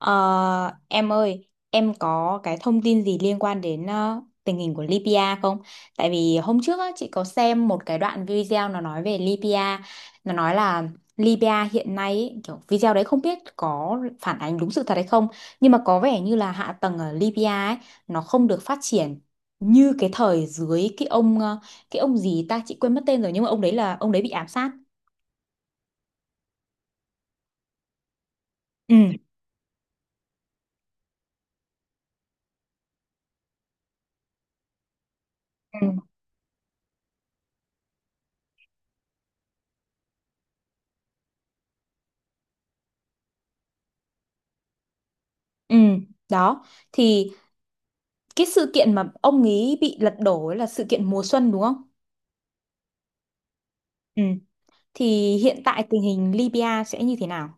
Ờ, em ơi, em có cái thông tin gì liên quan đến tình hình của Libya không? Tại vì hôm trước á, chị có xem một cái đoạn video nó nói về Libya, nó nói là Libya hiện nay ý, kiểu video đấy không biết có phản ánh đúng sự thật hay không, nhưng mà có vẻ như là hạ tầng ở Libya ấy nó không được phát triển như cái thời dưới cái ông gì ta chị quên mất tên rồi, nhưng mà ông đấy là ông đấy bị ám sát. Ừ. Ừ. Ừ, đó thì cái sự kiện mà ông ấy bị lật đổ ấy là sự kiện mùa xuân đúng không? Ừ. Thì hiện tại tình hình Libya sẽ như thế nào?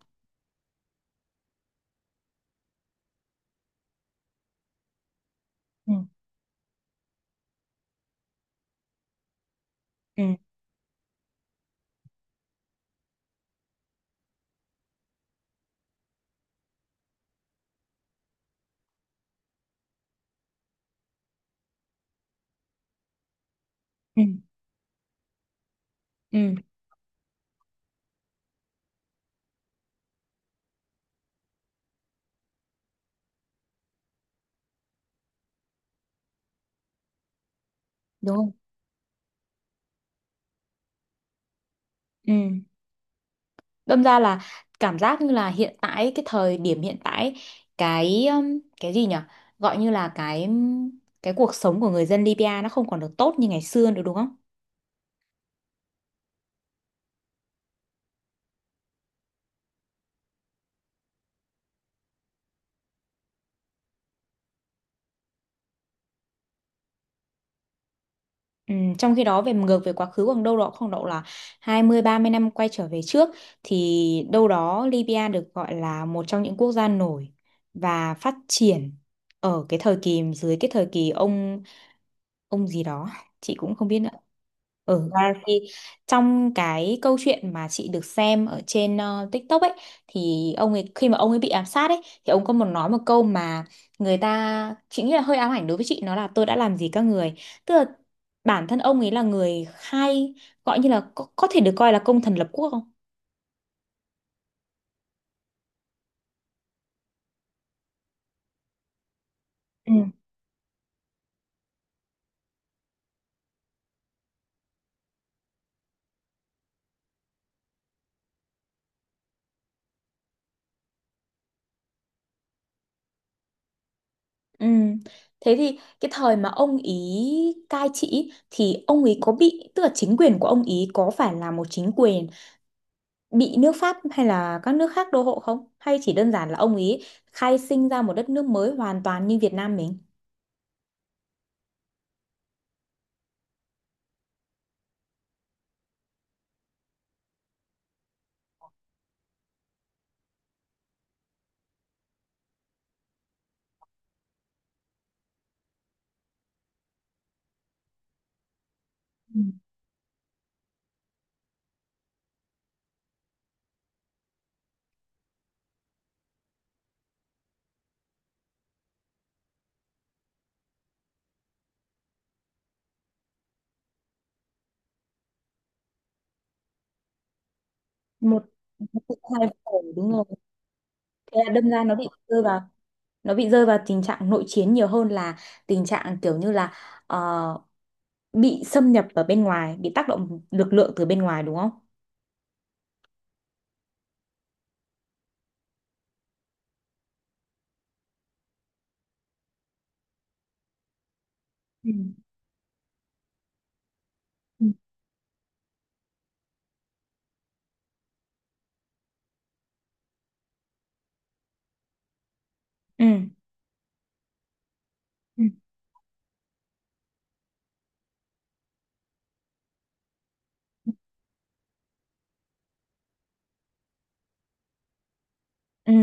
Ừ. Ừ. Ừ. Ừ. Đúng không? Ừ. Đâm ra là, cảm giác như là hiện tại, cái thời điểm hiện tại, cái gì nhỉ? Gọi như là cái cuộc sống của người dân Libya nó không còn được tốt như ngày xưa nữa đúng không? Ừ, trong khi đó về ngược về quá khứ khoảng đâu đó khoảng độ là 20 30 năm quay trở về trước, thì đâu đó Libya được gọi là một trong những quốc gia nổi và phát triển ở cái thời kỳ, dưới cái thời kỳ ông gì đó chị cũng không biết nữa. Gaddafi. Trong cái câu chuyện mà chị được xem ở trên TikTok ấy, thì ông ấy khi mà ông ấy bị ám sát ấy thì ông có nói một câu mà người ta, chị nghĩ là hơi ám ảnh đối với chị, nó là tôi đã làm gì các người. Tức là bản thân ông ấy là người khai, gọi như là có thể được coi là công thần lập quốc không? Ừ. Ừ. Thế thì cái thời mà ông ý cai trị thì ông ý có bị, tức là chính quyền của ông ý có phải là một chính quyền bị nước Pháp hay là các nước khác đô hộ không? Hay chỉ đơn giản là ông ý khai sinh ra một đất nước mới hoàn toàn như Việt Nam mình? Ừ. Một. Nó bị thay đổi đúng rồi. Thế là đâm ra nó bị rơi vào tình trạng nội chiến nhiều hơn là tình trạng kiểu như là ờ, bị xâm nhập ở bên ngoài, bị tác động lực lượng từ bên ngoài đúng không? Ừ. Ừ. Ừ. Ừ. Ừ.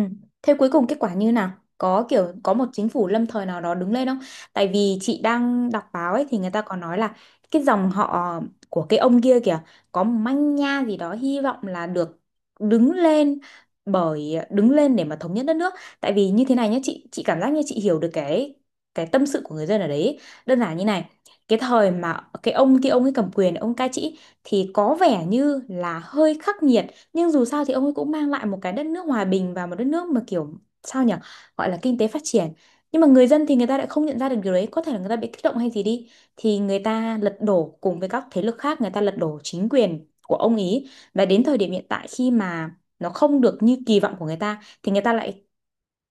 Thế cuối cùng kết quả như nào? Có kiểu có một chính phủ lâm thời nào đó đứng lên không? Tại vì chị đang đọc báo ấy thì người ta có nói là cái dòng họ của cái ông kia kìa có một manh nha gì đó, hy vọng là được đứng lên, bởi đứng lên để mà thống nhất đất nước. Tại vì như thế này nhé, chị cảm giác như chị hiểu được cái tâm sự của người dân ở đấy ấy. Đơn giản như này, cái thời mà cái ông kia ông ấy cầm quyền, ông cai trị thì có vẻ như là hơi khắc nghiệt, nhưng dù sao thì ông ấy cũng mang lại một cái đất nước hòa bình và một đất nước mà, kiểu sao nhỉ, gọi là kinh tế phát triển. Nhưng mà người dân thì người ta lại không nhận ra được điều đấy, có thể là người ta bị kích động hay gì đi, thì người ta lật đổ cùng với các thế lực khác, người ta lật đổ chính quyền của ông ý. Và đến thời điểm hiện tại khi mà nó không được như kỳ vọng của người ta thì người ta lại,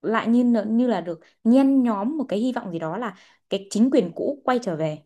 như là được nhen nhóm một cái hy vọng gì đó, là cái chính quyền cũ quay trở về.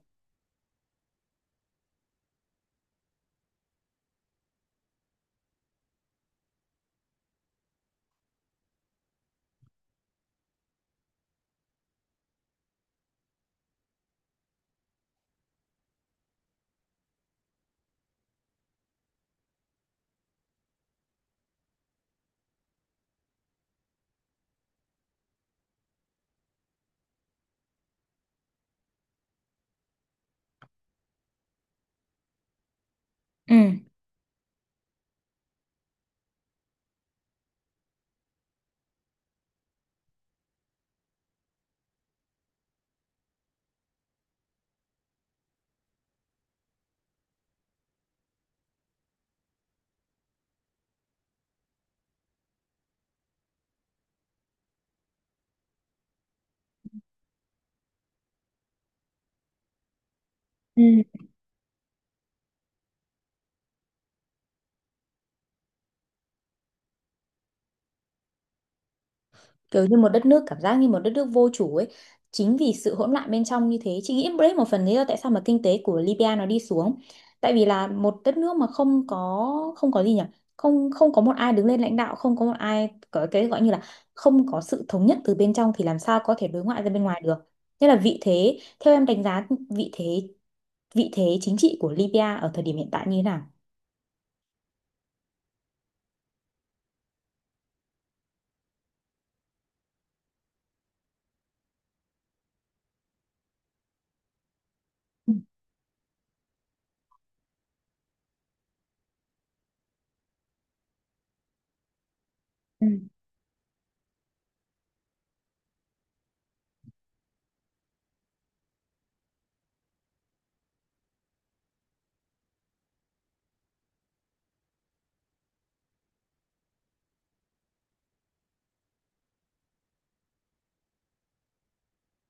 Ừ. Ừ. Kiểu như một đất nước, cảm giác như một đất nước vô chủ ấy. Chính vì sự hỗn loạn bên trong như thế, chị nghĩ đấy một phần lý do tại sao mà kinh tế của Libya nó đi xuống. Tại vì là một đất nước mà không có, không có gì nhỉ, không không có một ai đứng lên lãnh đạo, không có một ai, có cái gọi như là không có sự thống nhất từ bên trong, thì làm sao có thể đối ngoại ra bên ngoài được. Nên là vị thế, theo em đánh giá vị thế, vị thế chính trị của Libya ở thời điểm hiện tại như thế nào? Ừ.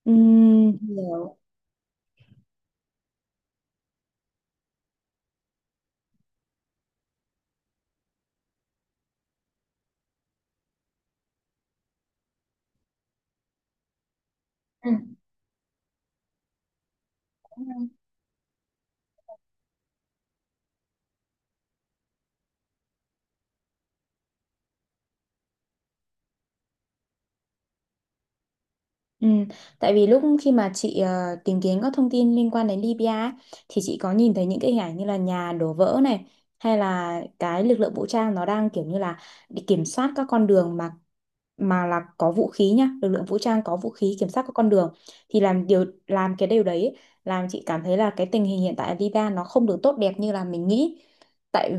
Ừm. Nhiều. Ừ. Ừ, tại vì lúc khi mà chị tìm kiếm các thông tin liên quan đến Libya ấy, thì chị có nhìn thấy những cái hình ảnh như là nhà đổ vỡ này, hay là cái lực lượng vũ trang nó đang kiểu như là đi kiểm soát các con đường, mà là có vũ khí nhá, lực lượng vũ trang có vũ khí kiểm soát các con đường, thì làm điều, làm cái điều đấy ấy, làm chị cảm thấy là cái tình hình hiện tại ở Libya nó không được tốt đẹp như là mình nghĩ. tại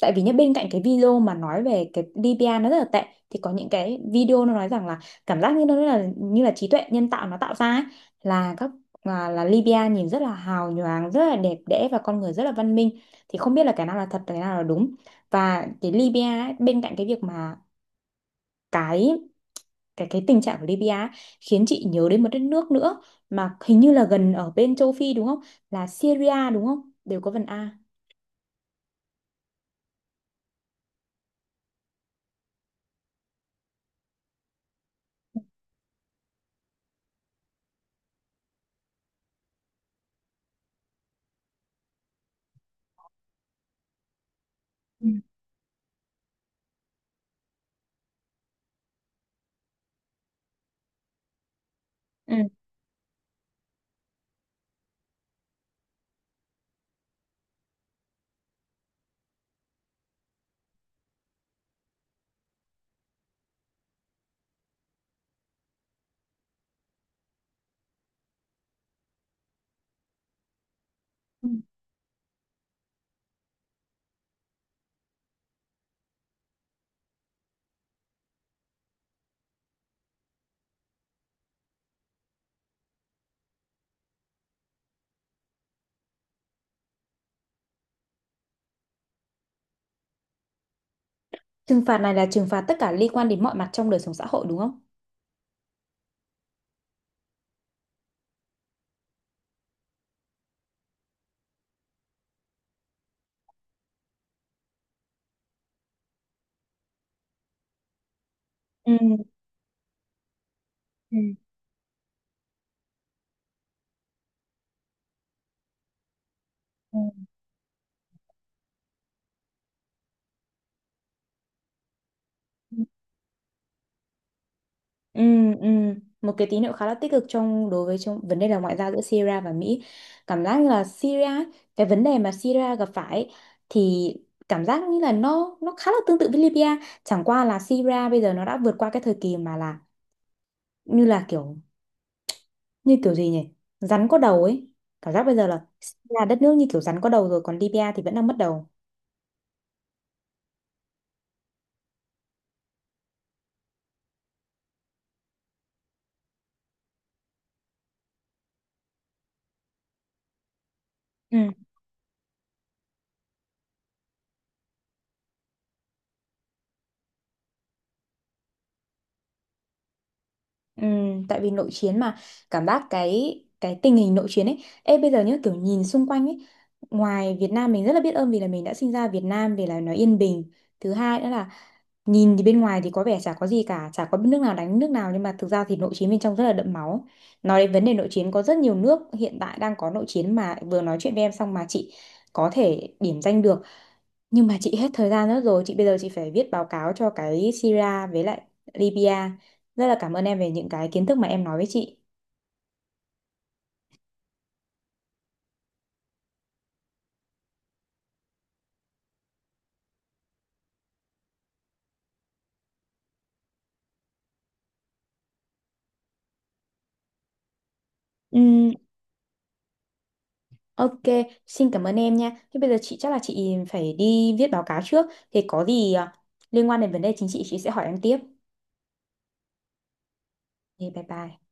tại vì nhá, bên cạnh cái video mà nói về cái Libya nó rất là tệ, thì có những cái video nó nói rằng là, cảm giác như nó là như là trí tuệ nhân tạo nó tạo ra ấy, là các, là Libya nhìn rất là hào nhoáng, rất là đẹp đẽ, và con người rất là văn minh, thì không biết là cái nào là thật, cái nào là đúng. Và cái Libya ấy, bên cạnh cái việc mà cái, cái tình trạng của Libya ấy, khiến chị nhớ đến một đất nước nữa mà hình như là gần ở bên châu Phi đúng không, là Syria đúng không, đều có vần A. Ừ. Ừ. Ừ. Trừng phạt này là trừng phạt tất cả liên quan đến mọi mặt trong đời sống xã hội đúng không? Ừ. Ừ. Ừ. Ừ, ừ. Một cái tín hiệu khá là tích cực trong, đối với, trong vấn đề là ngoại giao giữa Syria và Mỹ. Cảm giác như là Syria, cái vấn đề mà Syria gặp phải ấy, thì cảm giác như là nó khá là tương tự với Libya. Chẳng qua là Syria bây giờ nó đã vượt qua cái thời kỳ mà là như là kiểu, như kiểu gì nhỉ? Rắn có đầu ấy. Cảm giác bây giờ là Syria đất nước như kiểu rắn có đầu rồi, còn Libya thì vẫn đang mất đầu. Ừ. Ừ, tại vì nội chiến mà. Cảm giác cái tình hình nội chiến ấy, ê bây giờ nhá, kiểu nhìn xung quanh ấy, ngoài Việt Nam mình, rất là biết ơn vì là mình đã sinh ra Việt Nam vì là nó yên bình. Thứ hai nữa là nhìn thì bên ngoài thì có vẻ chả có gì cả, chả có nước nào đánh nước nào, nhưng mà thực ra thì nội chiến bên trong rất là đẫm máu. Nói đến vấn đề nội chiến, có rất nhiều nước hiện tại đang có nội chiến mà vừa nói chuyện với em xong mà chị có thể điểm danh được, nhưng mà chị hết thời gian nữa rồi. Chị bây giờ chị phải viết báo cáo cho cái Syria với lại Libya. Rất là cảm ơn em về những cái kiến thức mà em nói với chị. Ừm, ok, xin cảm ơn em nha. Thế bây giờ chị chắc là chị phải đi viết báo cáo trước. Thì có gì à, liên quan đến vấn đề chính trị chị sẽ hỏi em tiếp. Thì bye bye.